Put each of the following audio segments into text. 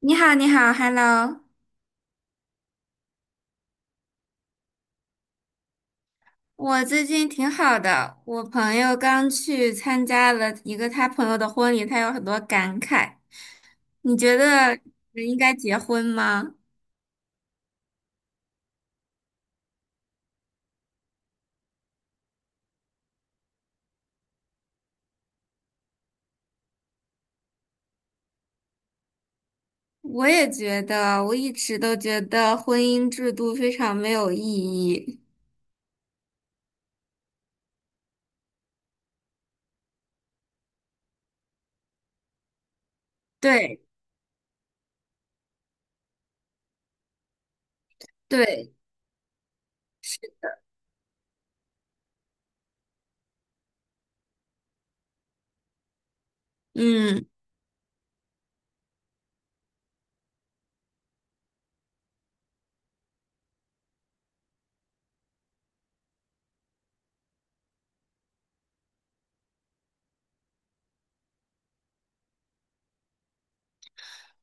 你好，你好，Hello，我最近挺好的。我朋友刚去参加了一个他朋友的婚礼，他有很多感慨。你觉得人应该结婚吗？我也觉得，我一直都觉得婚姻制度非常没有意义。对对，嗯。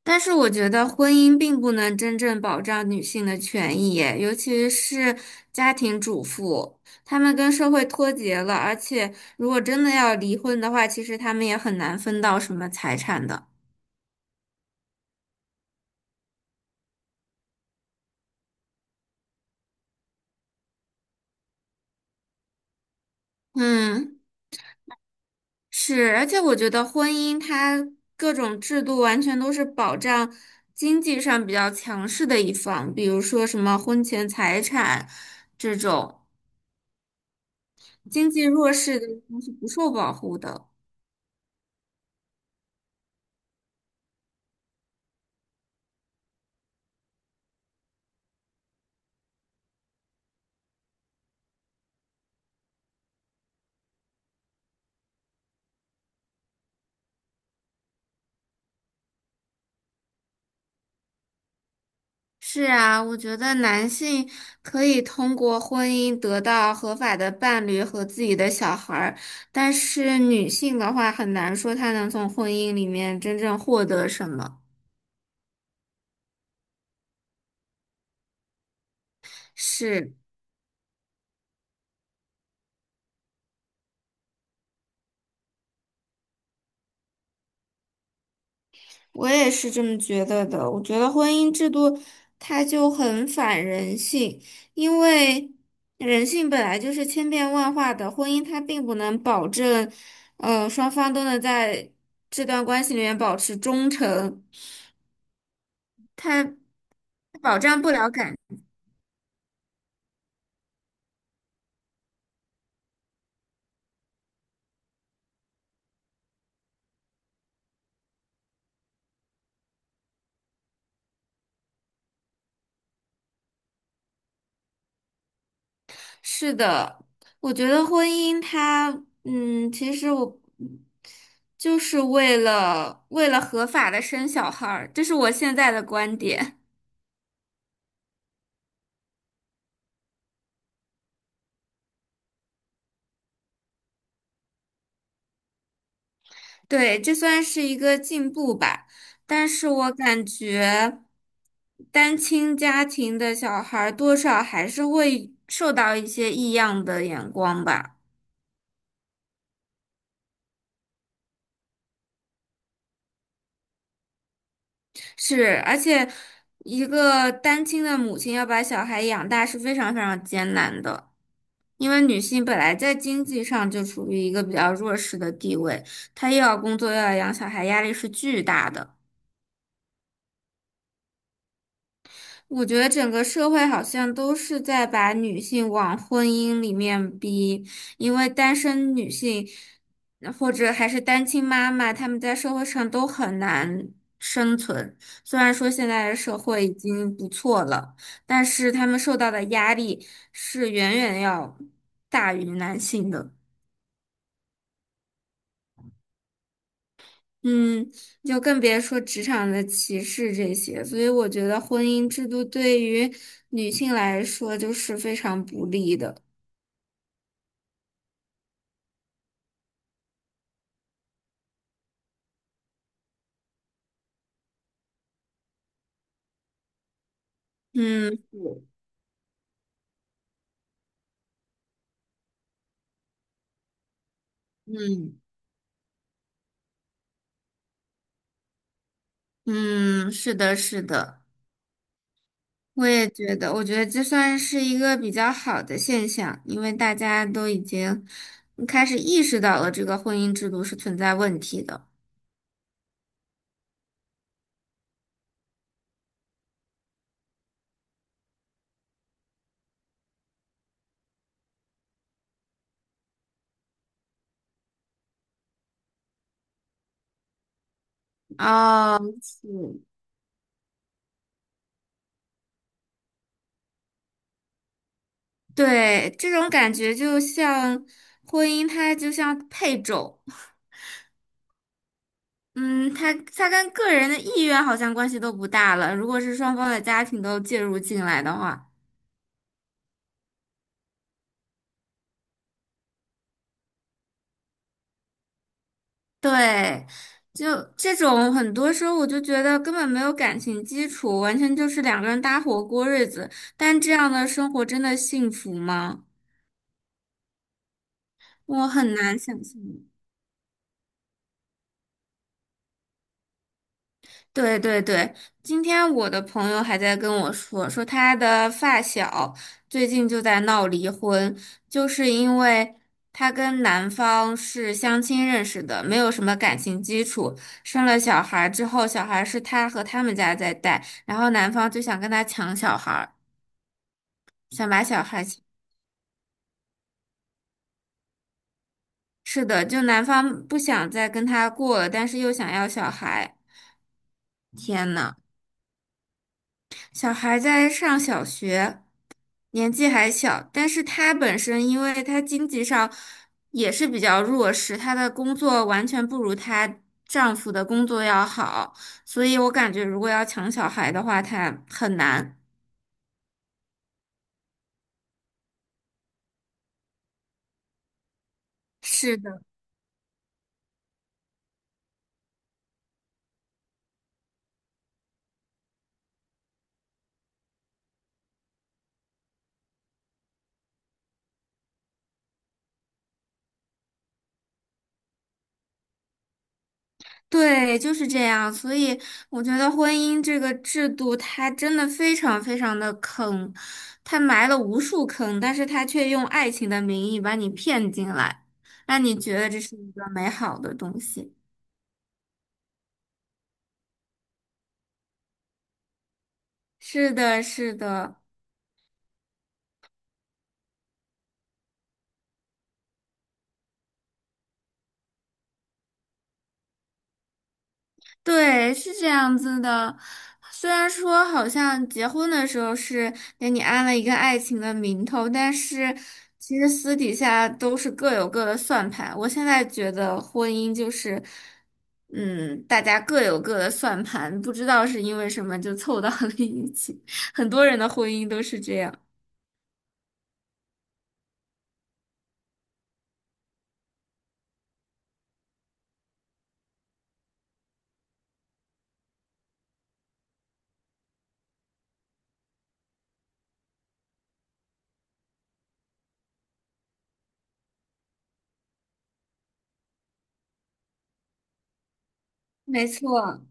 但是我觉得婚姻并不能真正保障女性的权益耶，尤其是家庭主妇，她们跟社会脱节了，而且如果真的要离婚的话，其实她们也很难分到什么财产的。嗯，是，而且我觉得婚姻它各种制度完全都是保障经济上比较强势的一方，比如说什么婚前财产这种，经济弱势的一方是不受保护的。是啊，我觉得男性可以通过婚姻得到合法的伴侣和自己的小孩儿，但是女性的话很难说她能从婚姻里面真正获得什么。是，我也是这么觉得的。我觉得婚姻制度它就很反人性，因为人性本来就是千变万化的，婚姻它并不能保证，双方都能在这段关系里面保持忠诚。它。保障不了感。是的，我觉得婚姻它，嗯，其实我就是为了合法的生小孩儿，这是我现在的观点。对，这算是一个进步吧，但是我感觉单亲家庭的小孩儿多少还是会受到一些异样的眼光吧。是，而且一个单亲的母亲要把小孩养大是非常非常艰难的，因为女性本来在经济上就处于一个比较弱势的地位，她又要工作又要养小孩，压力是巨大的。我觉得整个社会好像都是在把女性往婚姻里面逼，因为单身女性或者还是单亲妈妈，她们在社会上都很难生存。虽然说现在的社会已经不错了，但是她们受到的压力是远远要大于男性的。嗯，就更别说职场的歧视这些，所以我觉得婚姻制度对于女性来说就是非常不利的。嗯，是嗯嗯，是的，是的，我也觉得，我觉得这算是一个比较好的现象，因为大家都已经开始意识到了这个婚姻制度是存在问题的。哦，是，对，这种感觉就像婚姻，它就像配种，嗯，它跟个人的意愿好像关系都不大了。如果是双方的家庭都介入进来的话。对，就这种很多时候我就觉得根本没有感情基础，完全就是两个人搭伙过日子。但这样的生活真的幸福吗？我很难想象。对对对，今天我的朋友还在跟我说，说他的发小最近就在闹离婚，就是因为他跟男方是相亲认识的，没有什么感情基础，生了小孩之后，小孩是他和他们家在带，然后男方就想跟他抢小孩，想把小孩抢是的，就男方不想再跟他过了，但是又想要小孩，天呐，小孩在上小学。年纪还小，但是她本身因为她经济上也是比较弱势，她的工作完全不如她丈夫的工作要好，所以我感觉如果要抢小孩的话，她很难。是的，对，就是这样。所以我觉得婚姻这个制度，它真的非常非常的坑，它埋了无数坑，但是它却用爱情的名义把你骗进来，让你觉得这是一个美好的东西。是的，是的。对，是这样子的。虽然说好像结婚的时候是给你安了一个爱情的名头，但是其实私底下都是各有各的算盘。我现在觉得婚姻就是，嗯，大家各有各的算盘，不知道是因为什么就凑到了一起。很多人的婚姻都是这样。没错，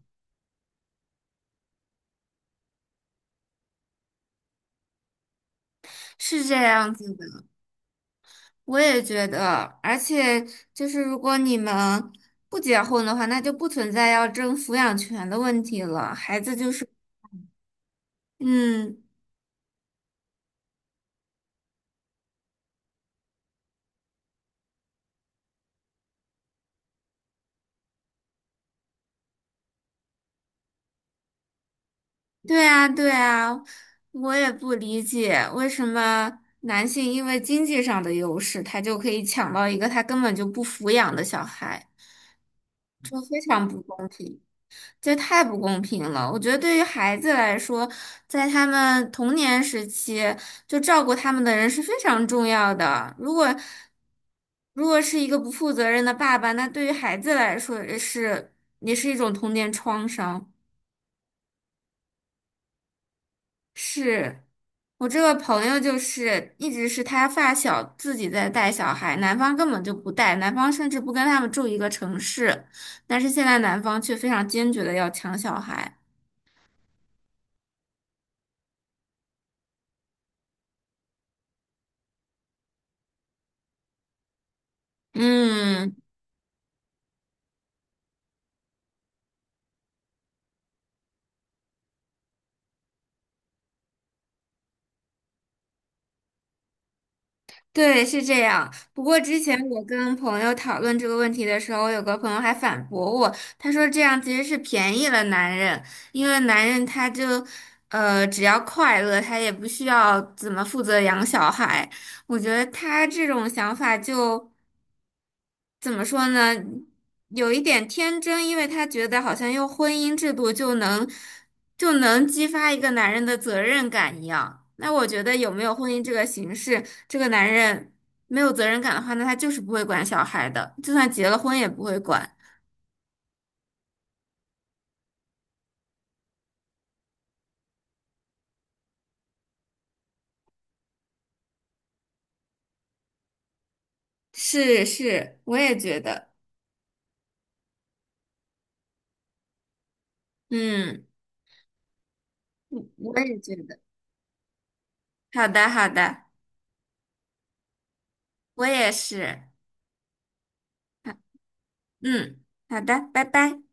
是这样子的。我也觉得，而且就是如果你们不结婚的话，那就不存在要争抚养权的问题了。孩子就是，嗯，对啊，对啊，我也不理解为什么男性因为经济上的优势，他就可以抢到一个他根本就不抚养的小孩，这非常不公平。这太不公平了！我觉得对于孩子来说，在他们童年时期，就照顾他们的人是非常重要的。如果是一个不负责任的爸爸，那对于孩子来说也是也是一种童年创伤。是我这个朋友就是一直是他发小自己在带小孩，男方根本就不带，男方甚至不跟他们住一个城市，但是现在男方却非常坚决的要抢小孩。嗯。对，是这样。不过之前我跟朋友讨论这个问题的时候，有个朋友还反驳我，他说这样其实是便宜了男人，因为男人他就，只要快乐，他也不需要怎么负责养小孩。我觉得他这种想法就。怎么说呢，有一点天真，因为他觉得好像用婚姻制度就能激发一个男人的责任感一样。那我觉得有没有婚姻这个形式，这个男人没有责任感的话，那他就是不会管小孩的，就算结了婚也不会管。是是，我也觉得，嗯，我也觉得。好的好的，我也是，嗯，好的，拜拜。